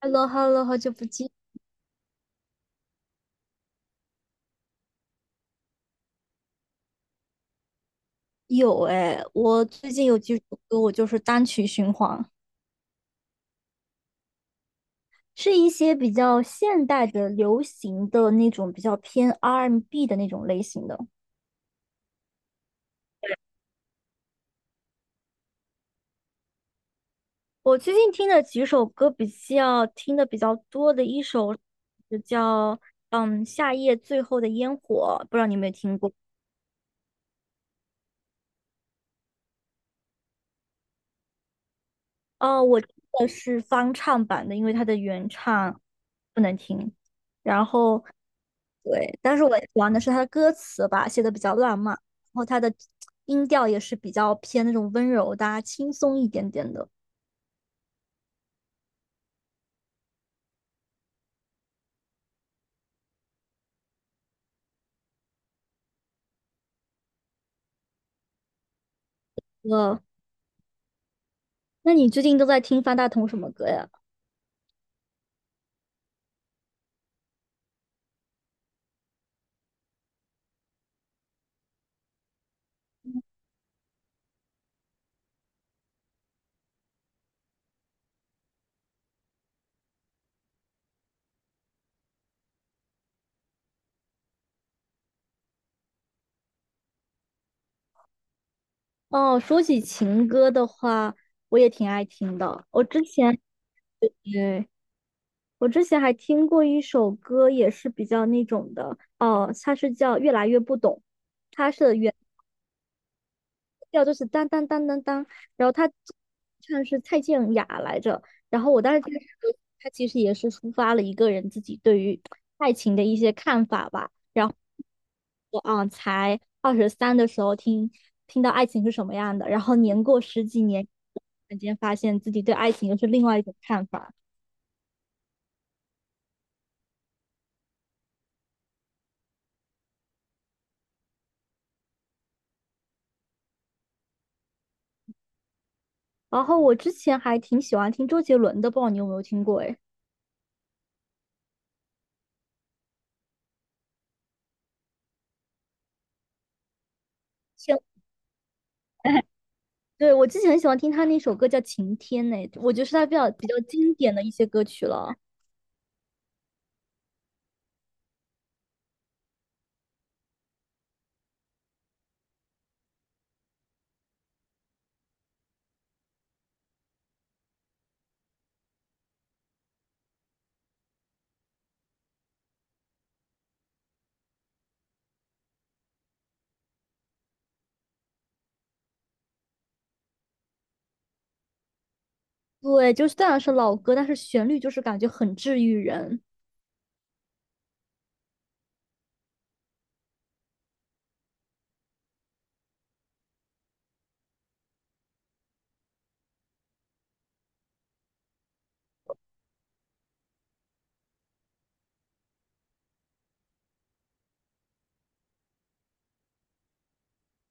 Hello，Hello，好久不见。有哎，我最近有几首歌，我就是单曲循环。是一些比较现代的、流行的那种，比较偏 R&B 的那种类型的。我最近听的几首歌听的比较多的一首就叫《夏夜最后的烟火》，不知道你有没有听过？哦，我听的是翻唱版的，因为它的原唱不能听。然后，对，但是我喜欢的是它的歌词吧，写的比较浪漫，然后它的音调也是比较偏那种温柔的啊轻松一点点的。呃，那你最近都在听方大同什么歌呀？哦，说起情歌的话，我也挺爱听的。我之前，对，我之前还听过一首歌，也是比较那种的，哦，它是叫《越来越不懂》。它是调就是当当当当当，然后他唱是蔡健雅来着，然后我当时听这首歌，他其实也是抒发了一个人自己对于爱情的一些看法吧。然后我啊，才23的时候听到爱情是什么样的，然后年过十几年，突然间发现自己对爱情又是另外一种看法。然后我之前还挺喜欢听周杰伦的，不知道你有没有听过？哎，千对，我之前很喜欢听他那首歌叫《晴天》呢，我觉得是他比较经典的一些歌曲了。对，就是虽然是老歌，但是旋律就是感觉很治愈人。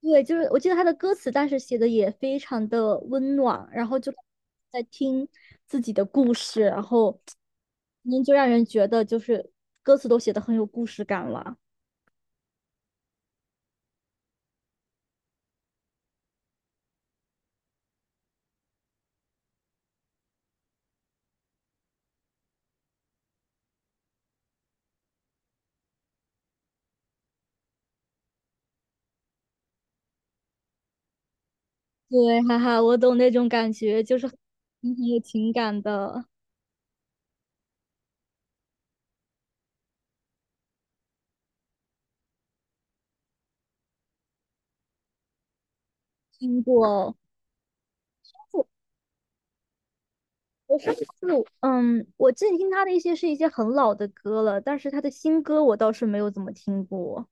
对，就是我记得他的歌词，但是写的也非常的温暖，然后就在听自己的故事，然后您就让人觉得就是歌词都写的很有故事感了。对，哈哈，我懂那种感觉，就是很有情感的。听过。我上次嗯，我最近听他的一些是一些很老的歌了，但是他的新歌我倒是没有怎么听过。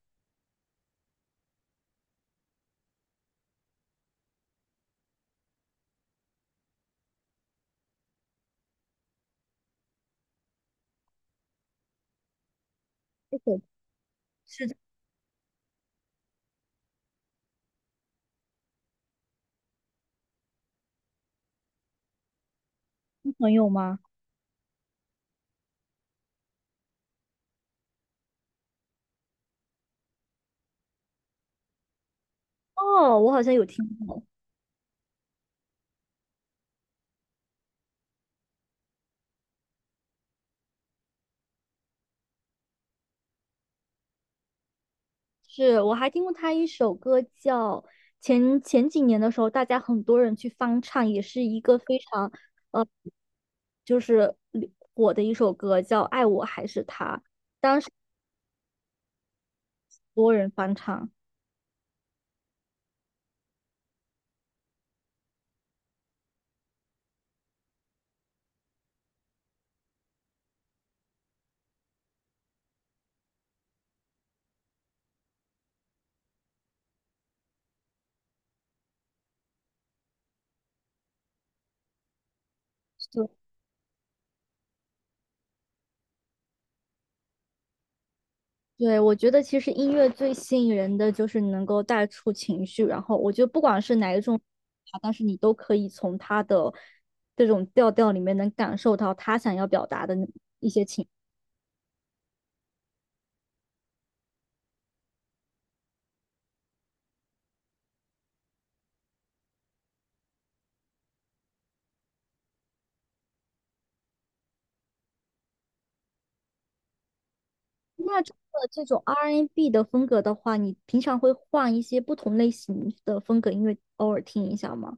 这首是他的朋友吗？哦，我好像有听过，是我还听过他一首歌叫前几年的时候，大家很多人去翻唱，也是一个非常呃就是火的一首歌，叫《爱我还是他》，多人翻唱。对，我觉得其实音乐最吸引人的就是能够带出情绪，然后我觉得不管是哪一种，但是你都可以从他的这种调调里面能感受到他想要表达的那。那这种 R&B n 的风格的话，你平常会换一些不同类型的风格音乐，偶尔听一下吗？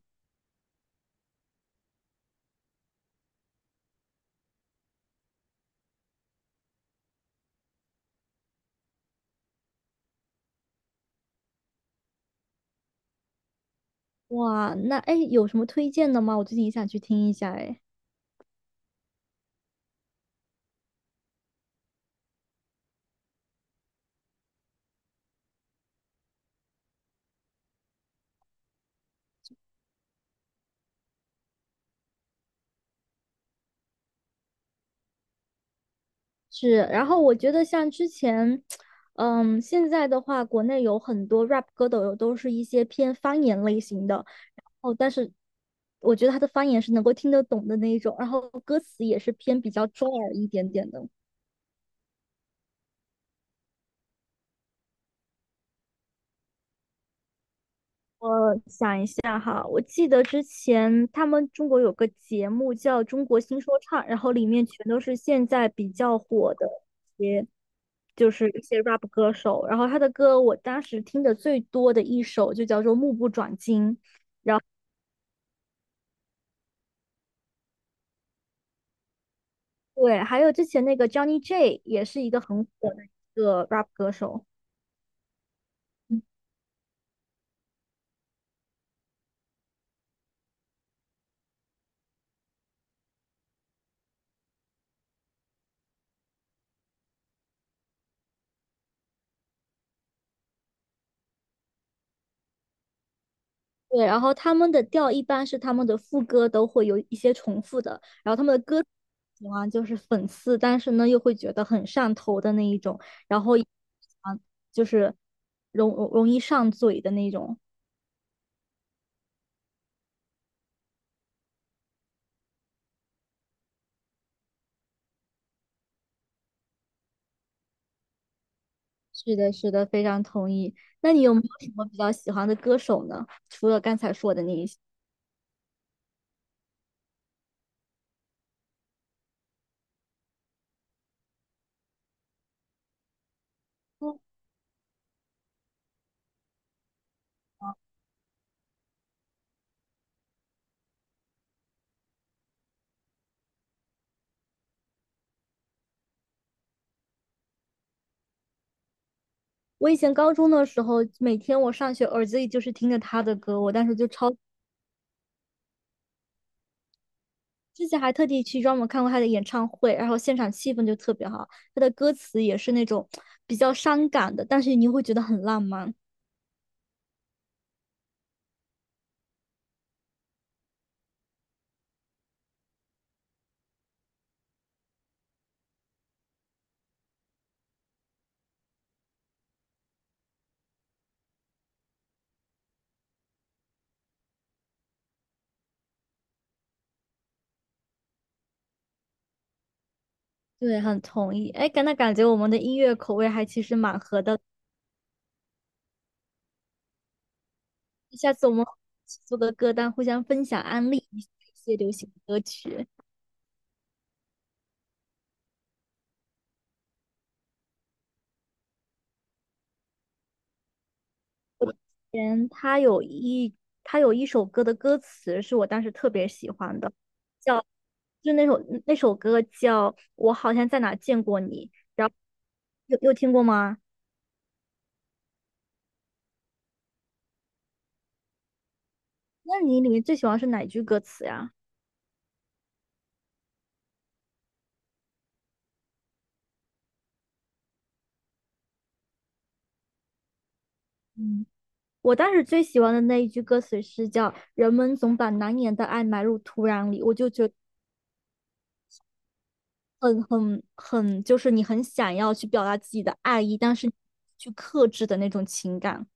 哇，那哎，有什么推荐的吗？我最近也想去听一下哎。是，然后我觉得像之前，嗯，现在的话，国内有很多 rap 歌手都是一些偏方言类型的，然后但是我觉得他的方言是能够听得懂的那一种，然后歌词也是偏比较中耳一点点的。我。大哈，我记得之前他们中国有个节目叫《中国新说唱》，然后里面全都是现在比较火的一些，就是一些 rap 歌手。然后他的歌，我当时听的最多的一首就叫做《目不转睛》。对，还有之前那个 Johnny J 也是一个很火的一个 rap 歌手。对，然后他们的调一般是他们的副歌都会有一些重复的，然后他们的歌喜欢就是讽刺，但是呢又会觉得很上头的那一种，然后啊就是容易上嘴的那种。是的，是的，非常同意。那你有没有什么比较喜欢的歌手呢？除了刚才说的那一些，我以前高中的时候，每天我上学耳机里就是听着他的歌，我当时就超之前还特地去专门看过他的演唱会，然后现场气氛就特别好，他的歌词也是那种比较伤感的，但是你会觉得很浪漫。对，很同意。哎，感那感觉我们的音乐口味还其实蛮合的，下次我们一起做个歌单，互相分享安利一些流行歌曲。嗯，他有一首歌的歌词是我当时特别喜欢的，叫就那首歌叫《我好像在哪见过你》，然后有听过吗？那你里面最喜欢是哪句歌词呀？嗯，我当时最喜欢的那一句歌词是叫“人们总把难言的爱埋入土壤里”，我就觉得很，就是你很想要去表达自己的爱意，但是去克制的那种情感。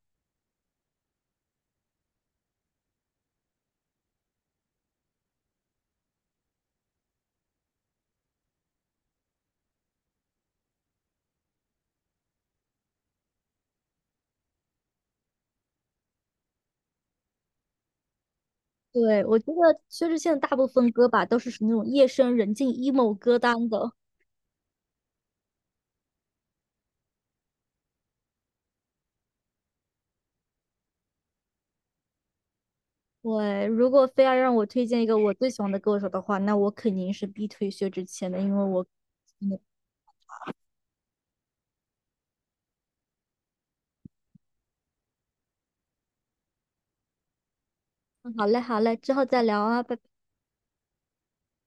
对，我觉得薛之谦的大部分歌吧，都是属于那种夜深人静 emo 歌单的。对，如果非要让我推荐一个我最喜欢的歌手的话，那我肯定是必推薛之谦的，因为我，嗯，好嘞，好嘞，之后再聊啊，拜拜。